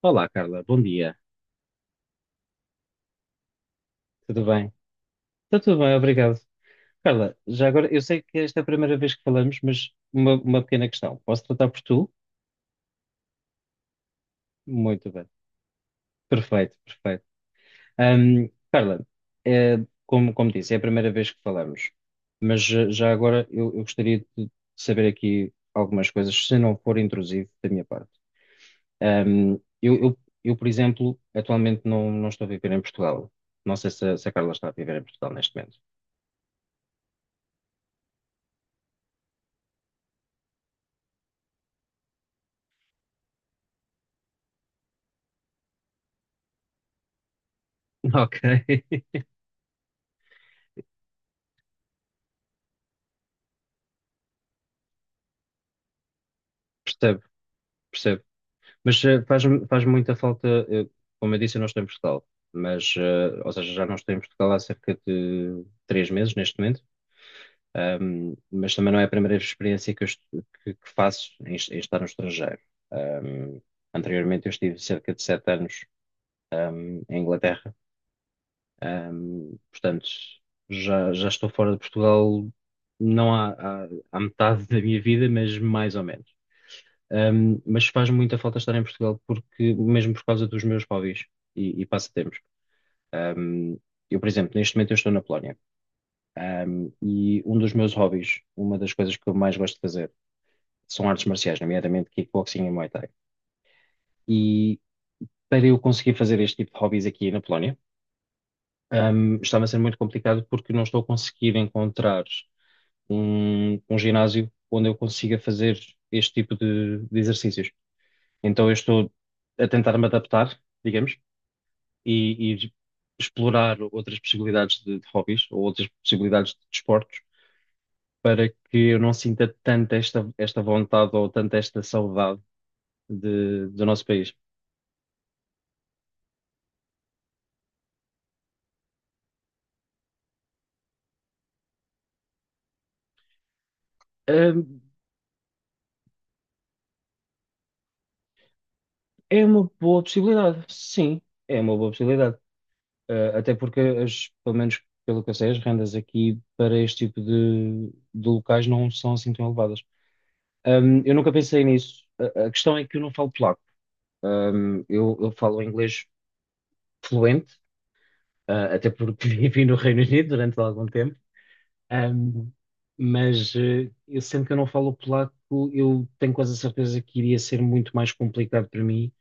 Olá, Carla, bom dia. Tudo bem? Está tudo bem, obrigado. Carla, já agora, eu sei que esta é a primeira vez que falamos, mas uma pequena questão. Posso tratar por tu? Muito bem. Perfeito, perfeito. Carla, eh, como disse, é a primeira vez que falamos, mas já agora eu gostaria de saber aqui algumas coisas, se não for intrusivo da minha parte. Ahm, eu, eu- por exemplo, atualmente não estou a viver em Portugal. Não sei se a Carla está a viver em Portugal neste momento. Ok. Percebo. Mas faz muita falta, como eu disse, eu não estou em Portugal, mas, ou seja, já não estou em Portugal há cerca de 3 meses neste momento. Mas também não é a primeira experiência que faço em, em estar no estrangeiro. Ahm, anteriormente eu estive cerca de 7 anos, em Inglaterra. Portanto, já estou fora de Portugal, não há, há, há metade da minha vida, mas mais ou menos. Mas faz muita falta estar em Portugal porque mesmo por causa dos meus hobbies e passatempos. Um, eu, por exemplo, neste momento eu estou na Polónia. E um dos meus hobbies, uma das coisas que eu mais gosto de fazer, são artes marciais, nomeadamente kickboxing e Muay Thai. E para eu conseguir fazer este tipo de hobbies aqui na Polónia, estava a ser muito complicado porque não estou a conseguir encontrar um ginásio onde eu consiga fazer este tipo de exercícios. Então eu estou a tentar me adaptar, digamos, e explorar outras possibilidades de hobbies ou outras possibilidades de desportos para que eu não sinta tanto esta vontade ou tanto esta saudade do nosso país. Ahm, É uma boa possibilidade, sim, é uma boa possibilidade. Ah, até porque, as, pelo menos pelo que eu sei, as rendas aqui para este tipo de locais não são assim tão elevadas. Eu nunca pensei nisso. A questão é que eu não falo polaco. Eu falo inglês fluente, ah, até porque vivi no Reino Unido durante algum tempo. Ahm, mas eu sendo que eu não falo polaco, eu tenho quase a certeza que iria ser muito mais complicado para mim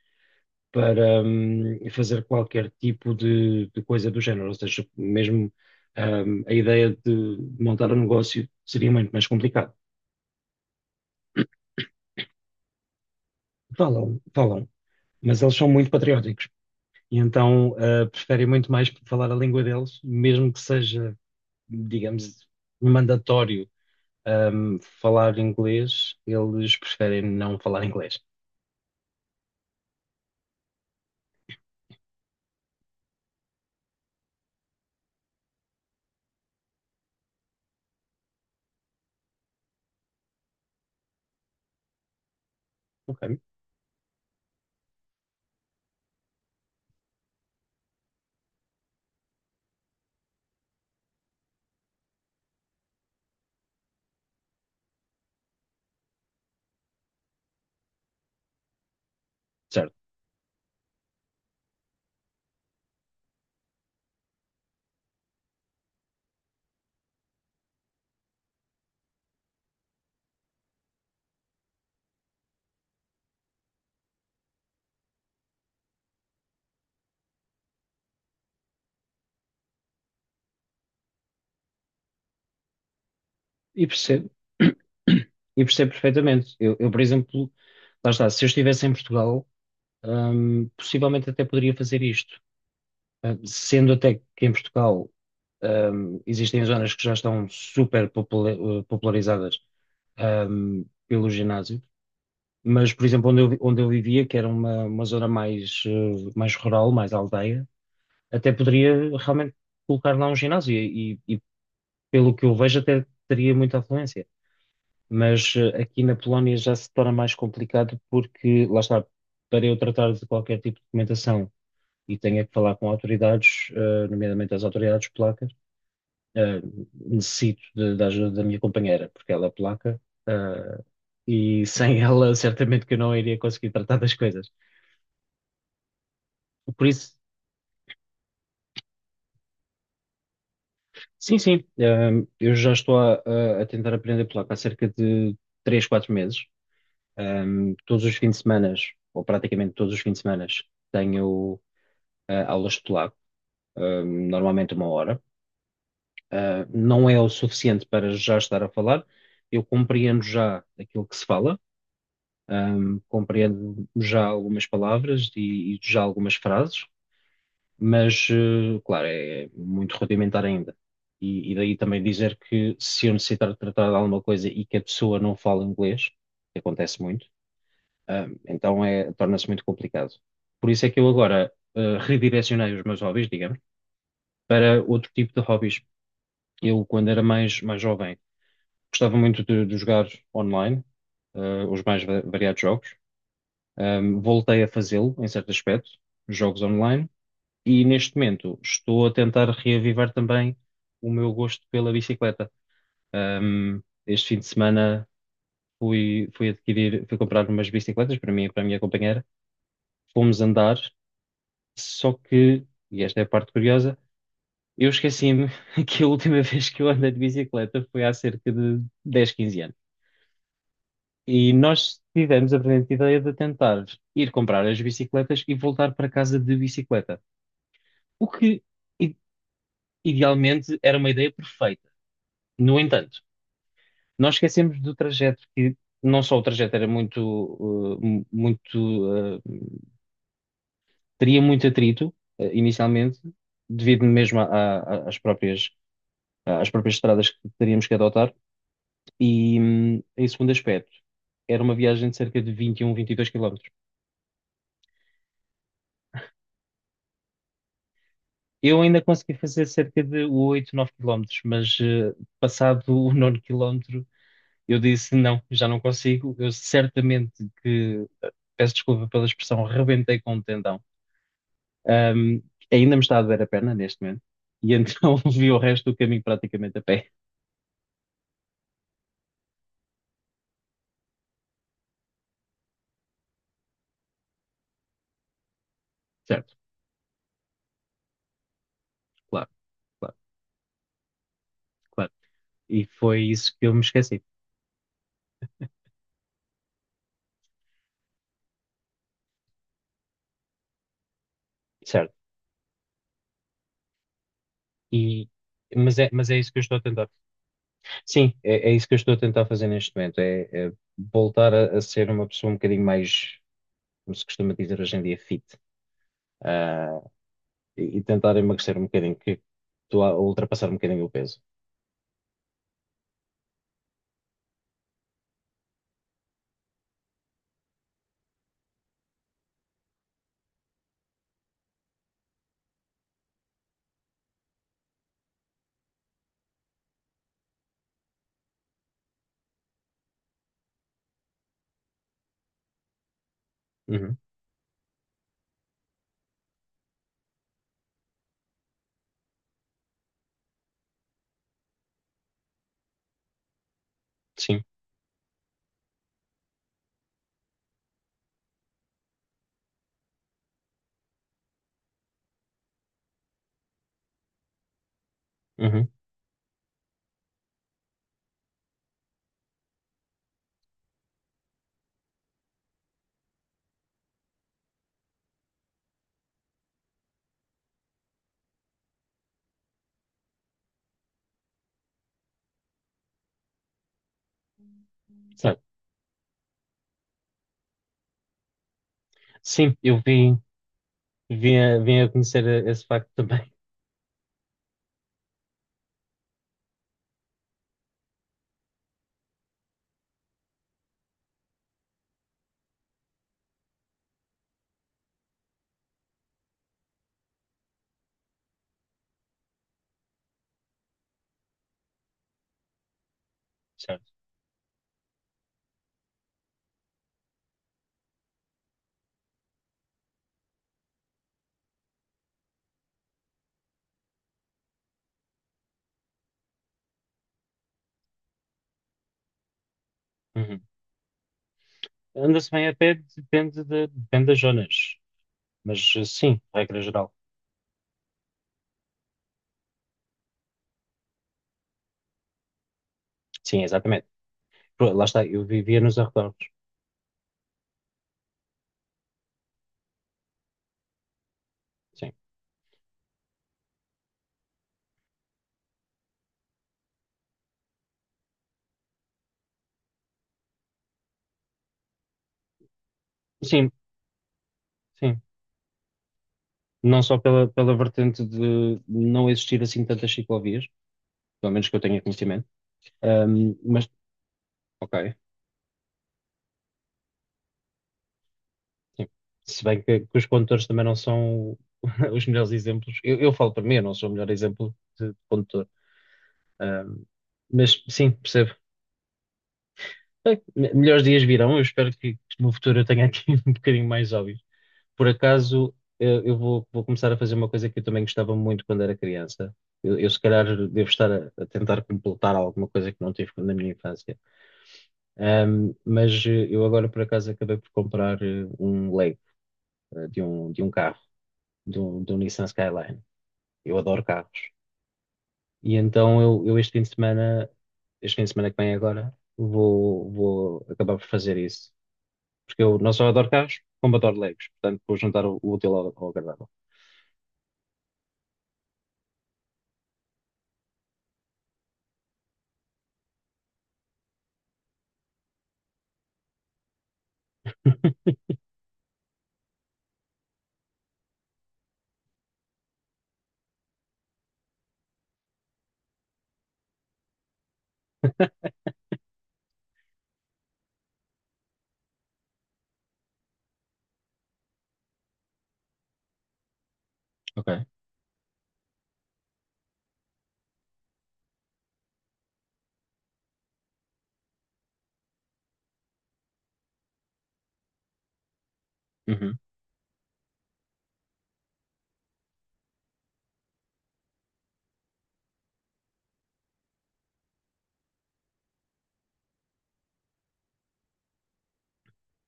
para fazer qualquer tipo de coisa do género. Ou seja, mesmo a ideia de montar um negócio seria muito mais complicado. Falam, falam, mas eles são muito patrióticos e então preferem muito mais falar a língua deles, mesmo que seja, digamos, mandatório falar inglês, eles preferem não falar inglês. Ok, certo. E percebo. E percebo perfeitamente. Eu, por exemplo, lá está, se eu estivesse em Portugal, possivelmente até poderia fazer isto. Sendo até que em Portugal, existem zonas que já estão popularizadas, pelo ginásio. Mas, por exemplo, onde eu vivia, que era uma zona mais, mais rural, mais aldeia, até poderia realmente colocar lá um ginásio e pelo que eu vejo até teria muita afluência. Mas aqui na Polónia já se torna mais complicado porque, lá está, para eu tratar de qualquer tipo de documentação e tenha que falar com autoridades, nomeadamente as autoridades polacas, eh, da ajuda da minha companheira, porque ela é polaca, eh, e sem ela certamente que eu não iria conseguir tratar das coisas. Por isso, sim, sim. Eu já estou a tentar aprender polaco há cerca de 3, 4 meses. Todos os fins de semana, ou praticamente todos os fins de semana, tenho aulas de polaco, normalmente 1 hora. Ah, não é o suficiente para já estar a falar. Eu compreendo já aquilo que se fala, compreendo já algumas palavras e já algumas frases, mas, claro, é muito rudimentar ainda. E daí também dizer que se eu necessitar de tratar de alguma coisa e que a pessoa não fala inglês, que acontece muito, ah, então é, torna-se muito complicado. Por isso é que eu agora, ah, redirecionei os meus hobbies, digamos, para outro tipo de hobbies. Eu, quando era mais jovem, gostava muito de jogar online, ah, os mais variados jogos. Ah, voltei a fazê-lo, em certo aspecto, jogos online. E neste momento estou a tentar reavivar também o meu gosto pela bicicleta. Ahm, este fim de semana fui adquirir, fui comprar umas bicicletas para mim e para a minha companheira. Fomos andar, só que, e esta é a parte curiosa, eu esqueci-me que a última vez que eu andei de bicicleta foi há cerca de 10, 15 anos. E nós tivemos a brilhante ideia de tentar ir comprar as bicicletas e voltar para casa de bicicleta. O que, i- idealmente, era uma ideia perfeita. No entanto, nós esquecemos do trajeto, que não só o trajeto era muito, muito, teria muito atrito, inicialmente, devido mesmo a- às próprias, às próprias estradas que teríamos que adotar. E, em segundo aspecto, era uma viagem de cerca de 20 21, 22 quilómetros. Eu ainda consegui fazer cerca de 8, 9 quilómetros, mas passado o nono quilómetro, eu disse não, já não consigo. Eu certamente que, peço desculpa pela expressão, rebentei com o tendão. Um, ainda me está a doer a perna neste momento. E então vi o resto do caminho praticamente a pé. Certo, claro, claro, claro. E foi isso que eu me esqueci. Certo. E, mas é isso que eu estou a tentar. Sim, é isso que eu estou a tentar fazer neste momento. É voltar a ser uma pessoa um bocadinho mais, como se costuma dizer hoje em dia, fit. Ah, e tentar emagrecer um bocadinho, que estou a ultrapassar um bocadinho o peso. Uhum, sim, uhum, certo. Sim, eu vim a conhecer esse facto também. Certo. Uhum. Anda-se bem a pé, depende, de, depende das zonas, mas sim, regra geral. Sim, exatamente. Pô, lá está, eu vivia nos arredores. Sim, sim, sim. Não só pela vertente de não existir assim tantas ciclovias, pelo menos que eu tenha conhecimento, mas ok, sim. Se bem que os condutores também não são os melhores exemplos, eu falo para mim, eu não sou o melhor exemplo de condutor. Ahm, mas sim, percebo. Bem, melhores dias virão, eu espero que no futuro eu tenha aqui um bocadinho mais óbvio. Por acaso, eu vou, vou começar a fazer uma coisa que eu também gostava muito quando era criança. Eu, se calhar, devo estar a tentar completar alguma coisa que não tive na minha infância. Mas eu agora, por acaso, acabei por comprar um Lego de um carro, de um Nissan Skyline. Eu adoro carros. E então, eu este fim de semana, este fim de semana que vem agora, vou acabar por fazer isso. Porque eu não só adoro carros, como adoro Legos. Portanto, vou juntar o útil ao agradável. Ok. Uhum.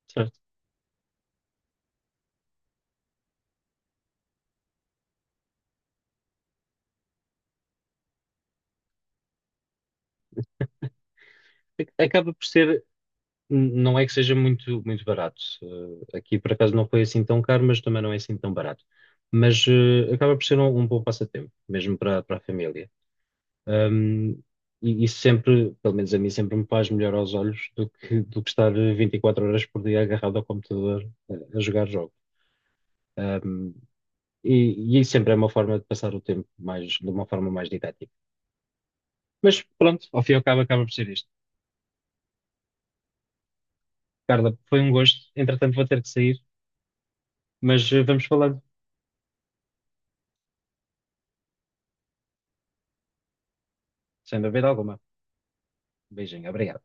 Certo. Acaba por ser, não é que seja muito barato. Aqui por acaso não foi assim tão caro, mas também não é assim tão barato. Mas acaba por ser um bom passatempo, mesmo para a família. Ahm, e sempre, pelo menos a mim, sempre me faz melhor aos olhos do que estar 24 horas por dia agarrado ao computador a jogar jogos. Ahm, e sempre é uma forma de passar o tempo mais, de uma forma mais didática. Mas pronto, ao fim e ao cabo acaba por ser isto. Carla, foi um gosto. Entretanto, vou ter que sair. Mas vamos falando, sem dúvida alguma. Beijinho, obrigado.